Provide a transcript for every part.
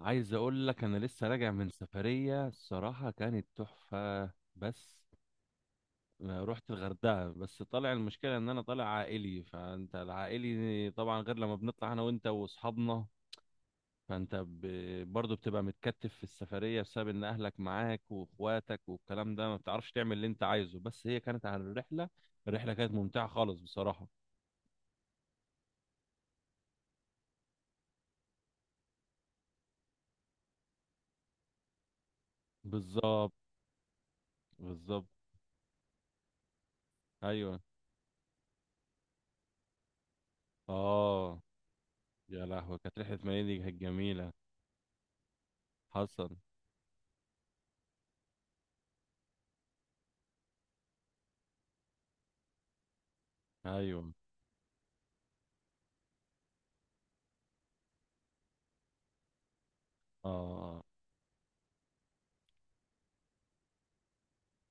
عايز اقول لك انا لسه راجع من سفرية. الصراحة كانت تحفة. بس ما رحت الغردقة. بس طالع، المشكلة ان انا طالع عائلي، فانت العائلي طبعا غير لما بنطلع انا وانت واصحابنا. فانت برضه بتبقى متكتف في السفرية بسبب ان اهلك معاك واخواتك والكلام ده، ما بتعرفش تعمل اللي انت عايزه. بس هي كانت على الرحلة. الرحلة كانت ممتعة خالص بصراحة. بالظبط. بالظبط. ايوه. اه. يا لهوي، كانت رحلة ميامي دي كانت جميلة. حصل. ايوه. اه.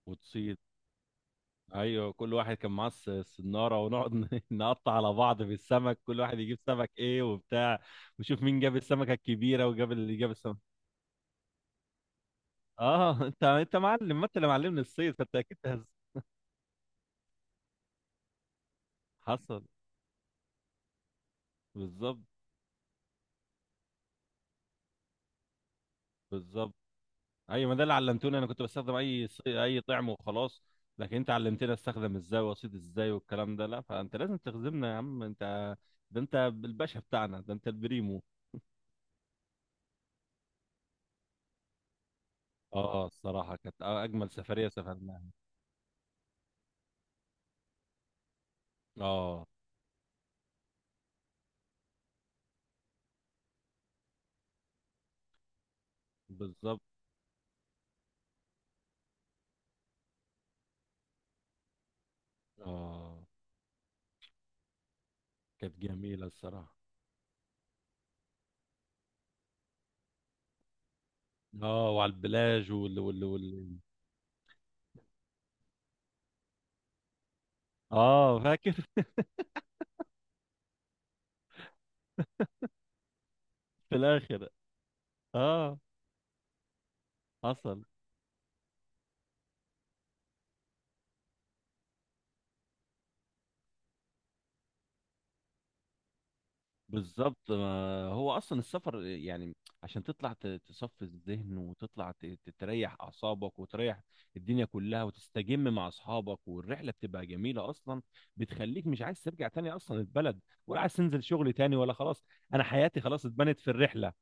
وتصيد. ايوه، كل واحد كان معاه السناره ونقعد نقطع على بعض في السمك، كل واحد يجيب سمك ايه وبتاع، وشوف مين جاب السمكه الكبيره وجاب اللي جاب السمك. اه انت معلم، ما انت اللي معلمني الصيد، فانت اكيد حصل. بالظبط. بالظبط. ايوه، ما ده اللي علمتوني. انا كنت بستخدم اي طعم وخلاص. لكن انت علمتني استخدم ازاي واصيد ازاي والكلام ده. لا فانت لازم تخزمنا يا عم انت. ده انت الباشا بتاعنا، ده انت البريمو. اه الصراحه كانت اجمل سفريه سافرنا. اه بالظبط. اه كانت جميلة الصراحة. اه وعلى البلاج وال وال وال. اه فاكر في الاخر. اه. حصل. بالظبط. ما هو اصلا السفر يعني عشان تطلع تصفي الذهن، وتطلع تريح اعصابك وتريح الدنيا كلها، وتستجم مع اصحابك والرحله بتبقى جميله اصلا. بتخليك مش عايز ترجع تاني اصلا البلد، ولا عايز تنزل شغل تاني، ولا خلاص انا حياتي خلاص اتبنت في الرحله.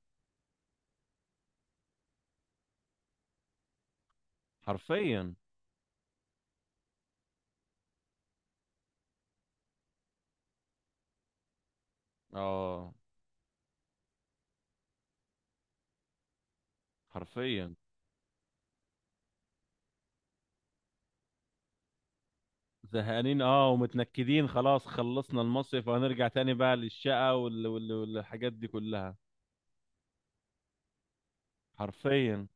حرفيا. اه. حرفيا. زهقانين، اه، ومتنكدين. خلاص خلصنا المصيف وهنرجع تاني بقى للشقة والحاجات دي كلها. حرفيا.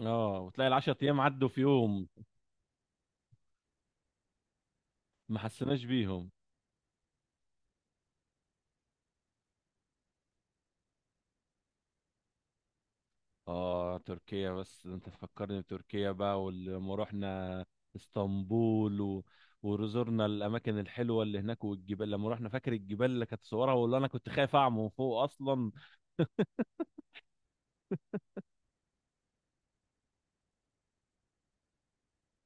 اه، وتلاقي 10 ايام عدوا في يوم. ما حسيناش بيهم. اه تركيا، بس انت تفكرني بتركيا بقى. ولما رحنا اسطنبول وزرنا الاماكن الحلوه اللي هناك والجبال، لما رحنا فاكر الجبال اللي كانت صورها، واللي انا كنت خايف اعمى من فوق اصلا.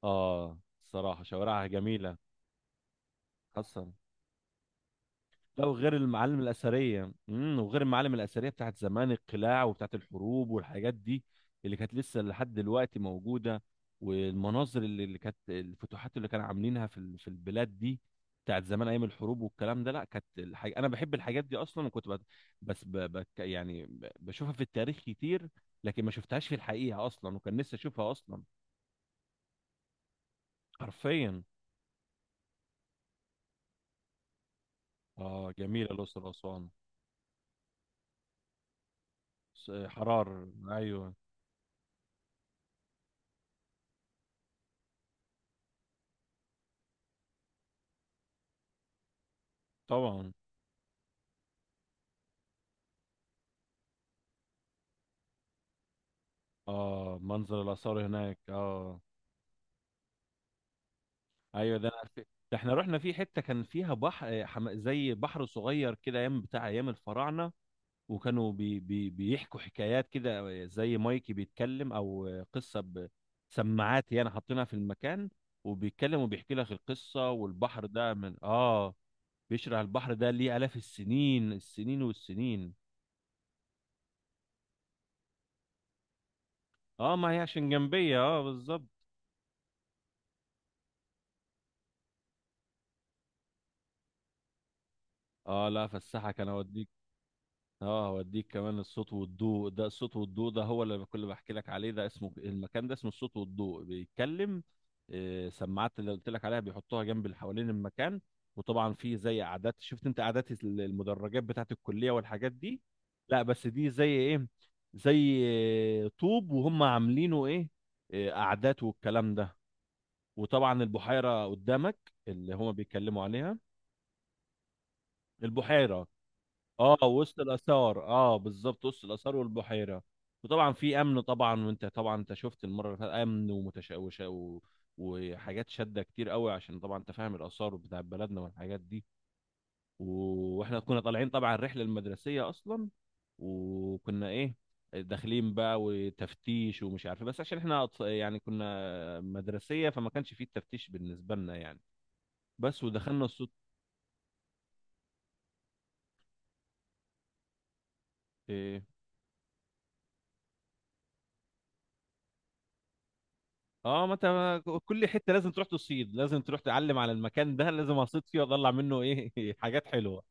اه الصراحه شوارعها جميله. حسن. لا، وغير المعالم الأثرية، وغير المعالم الأثرية بتاعت زمان، القلاع وبتاعت الحروب والحاجات دي اللي كانت لسه لحد دلوقتي موجودة. والمناظر اللي كانت الفتوحات اللي كانوا عاملينها في في البلاد دي، بتاعت زمان أيام الحروب والكلام ده. لا كانت الحاجة، أنا بحب الحاجات دي أصلا، وكنت بس يعني بشوفها في التاريخ كتير، لكن ما شفتهاش في الحقيقة أصلا، وكان نفسي أشوفها أصلا. حرفيا. آه جميلة الأقصر وأسوان. حرار، أيوه. طبعا. اه منظر الآثار هناك، اه. ايوه ده انا عارف ده. احنا رحنا في حتة كان فيها بحر، زي بحر صغير كده، ايام بتاع ايام الفراعنة. وكانوا بيحكوا حكايات كده، آه، زي مايكي بيتكلم او قصة بسماعات، يعني حاطينها في المكان وبيتكلم وبيحكي لك القصة. والبحر ده من اه بيشرح، البحر ده ليه آلاف السنين، السنين والسنين. اه ما هي عشان جنبية، اه بالظبط. اه لا، فالساحة كان اوديني. اه هوديك كمان الصوت والضوء ده. الصوت والضوء ده هو اللي كل بحكي لك عليه. ده اسمه، المكان ده اسمه الصوت والضوء، بيتكلم آه، سماعات اللي قلت لك عليها بيحطوها جنب اللي حوالين المكان. وطبعا في زي قعدات. شفت انت قعدات المدرجات بتاعت الكلية والحاجات دي. لا بس دي زي ايه، زي آه، طوب. وهم عاملينه ايه، آه، قعدات والكلام ده. وطبعا البحيرة قدامك اللي هم بيتكلموا عليها. البحيرة. اه وسط الاثار، اه بالظبط، وسط الاثار والبحيره. وطبعا في امن طبعا، وانت طبعا انت شفت المره اللي فاتت، امن ومتشوشه وحاجات شاده كتير قوي، عشان طبعا انت فاهم الاثار بتاع بلدنا والحاجات دي و... واحنا كنا طالعين طبعا الرحله المدرسيه اصلا. وكنا ايه، داخلين بقى وتفتيش ومش عارف إيه. بس عشان احنا يعني كنا مدرسيه فما كانش فيه التفتيش بالنسبه لنا يعني. بس ودخلنا الصوت. إيه، اه، ما انت كل حته لازم تروح تصيد، لازم تروح تعلم على المكان ده، لازم اصيد فيه واطلع منه ايه حاجات حلوه.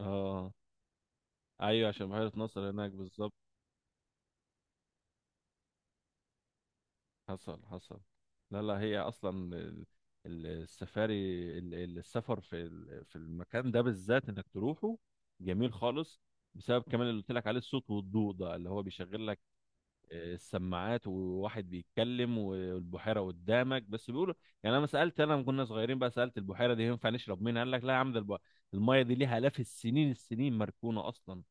اه ايوه عشان بحيره ناصر هناك بالظبط. حصل حصل. لا لا، هي اصلا السفاري، السفر في في المكان ده بالذات انك تروحه، جميل خالص بسبب كمان اللي قلت لك عليه الصوت والضوء ده، اللي هو بيشغل السماعات وواحد بيتكلم والبحيره قدامك بس بيقولوا. يعني انا ما سالت، انا لما كنا صغيرين بقى سالت البحيره دي ينفع نشرب منها. قال لك لا يا عم، ده الميه دي ليها الاف السنين، السنين مركونه اصلا.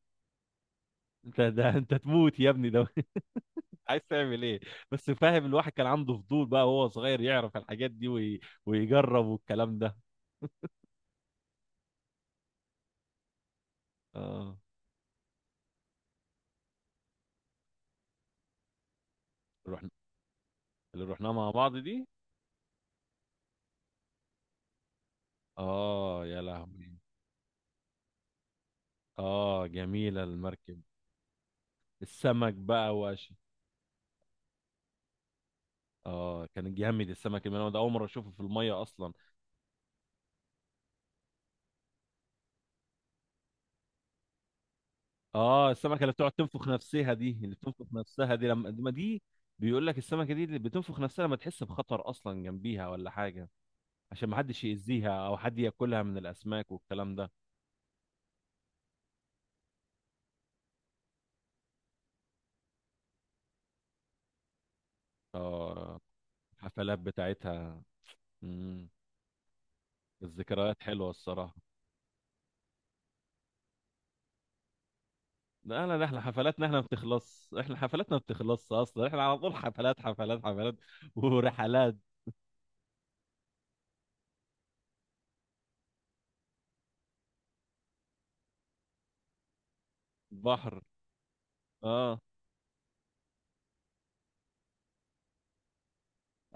انت ده انت تموت يا ابني ده عايز تعمل ايه. بس فاهم، الواحد كان عنده فضول بقى وهو صغير يعرف الحاجات دي، ويجرب والكلام ده. اه. رحنا. اللي رحناه مع بعض دي. اه يا لهوي. اه جميله المركب. السمك بقى. اه كان جامد السمك الملون ده، اول مره اشوفه في الميه اصلا. اه السمكه اللي بتقعد تنفخ نفسها دي، اللي بتنفخ نفسها دي لما ما دي. بيقول لك السمكه دي اللي بتنفخ نفسها لما تحس بخطر اصلا جنبيها ولا حاجه، عشان ما حدش يأذيها او حد ياكلها من الاسماك والكلام ده. اه الحفلات بتاعتها. امم الذكريات حلوه الصراحه. لا لا، ده احنا حفلاتنا، احنا ما بتخلص، احنا حفلاتنا ما بتخلص اصلا، احنا على طول حفلات حفلات حفلات ورحلات. بحر. اه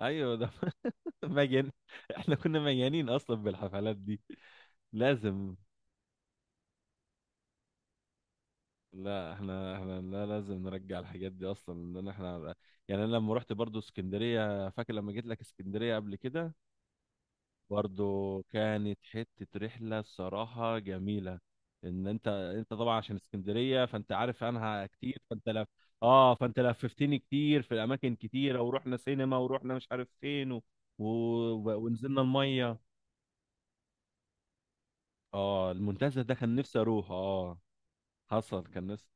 ايوه ده مجان. احنا كنا مجانين اصلا بالحفلات دي. لازم. لا احنا لا لازم نرجع الحاجات دي اصلا، لان احنا يعني، انا لما رحت برضو اسكندريه، فاكر لما جيت لك اسكندريه قبل كده. برضو كانت حته رحله الصراحه جميله. ان انت طبعا عشان اسكندريه، فانت عارف عنها كتير، فانت لف. اه فانت لففتني كتير في اماكن كتيره، ورحنا سينما ورحنا مش عارف فين و... ونزلنا الميه. اه المنتزه ده كان نفسي اروح اه. حصل كان ناس.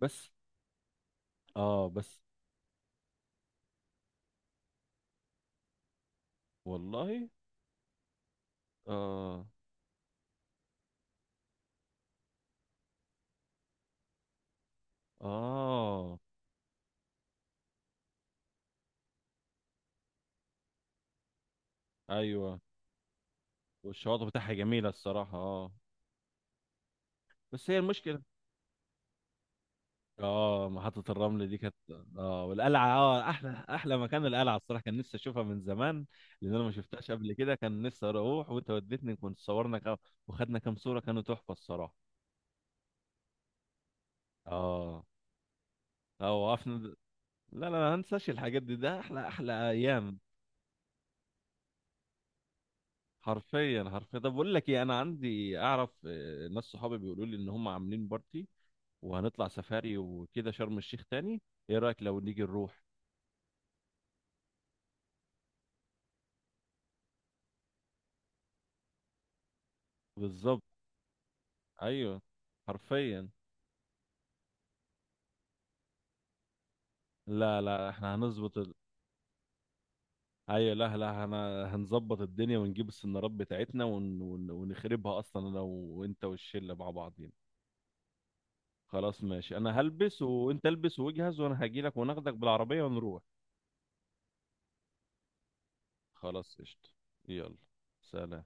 بس. اه بس. والله. اه. اه. ايوه والشواطئ بتاعها جميله الصراحه اه. بس هي المشكله. اه محطه الرمل دي كانت. اه والقلعه، اه احلى احلى مكان القلعه الصراحه. كان نفسي اشوفها من زمان، لان انا ما شفتهاش قبل كده، كان نفسي اروح. وانت وديتني، كنت صورنا كام وخدنا كام صوره، كانوا تحفه الصراحه. اه. اه وقفنا لا لا لا ما انساش الحاجات دي، ده احلى احلى ايام. حرفيا حرفيا. طب بقول لك ايه، انا عندي، اعرف آه، ناس صحابي بيقولوا لي ان هم عاملين بارتي وهنطلع سفاري وكده شرم الشيخ تاني. ايه رايك لو نيجي نروح. بالظبط. ايوه. حرفيا. لا لا احنا هنظبط ايوه لا لا انا هنظبط الدنيا ونجيب السنارات بتاعتنا ونخربها اصلا انا وانت والشله مع بعضين. خلاص ماشي، انا هلبس وانت البس واجهز، وانا هجيلك وناخدك بالعربيه ونروح. خلاص قشطه. يلا. سلام.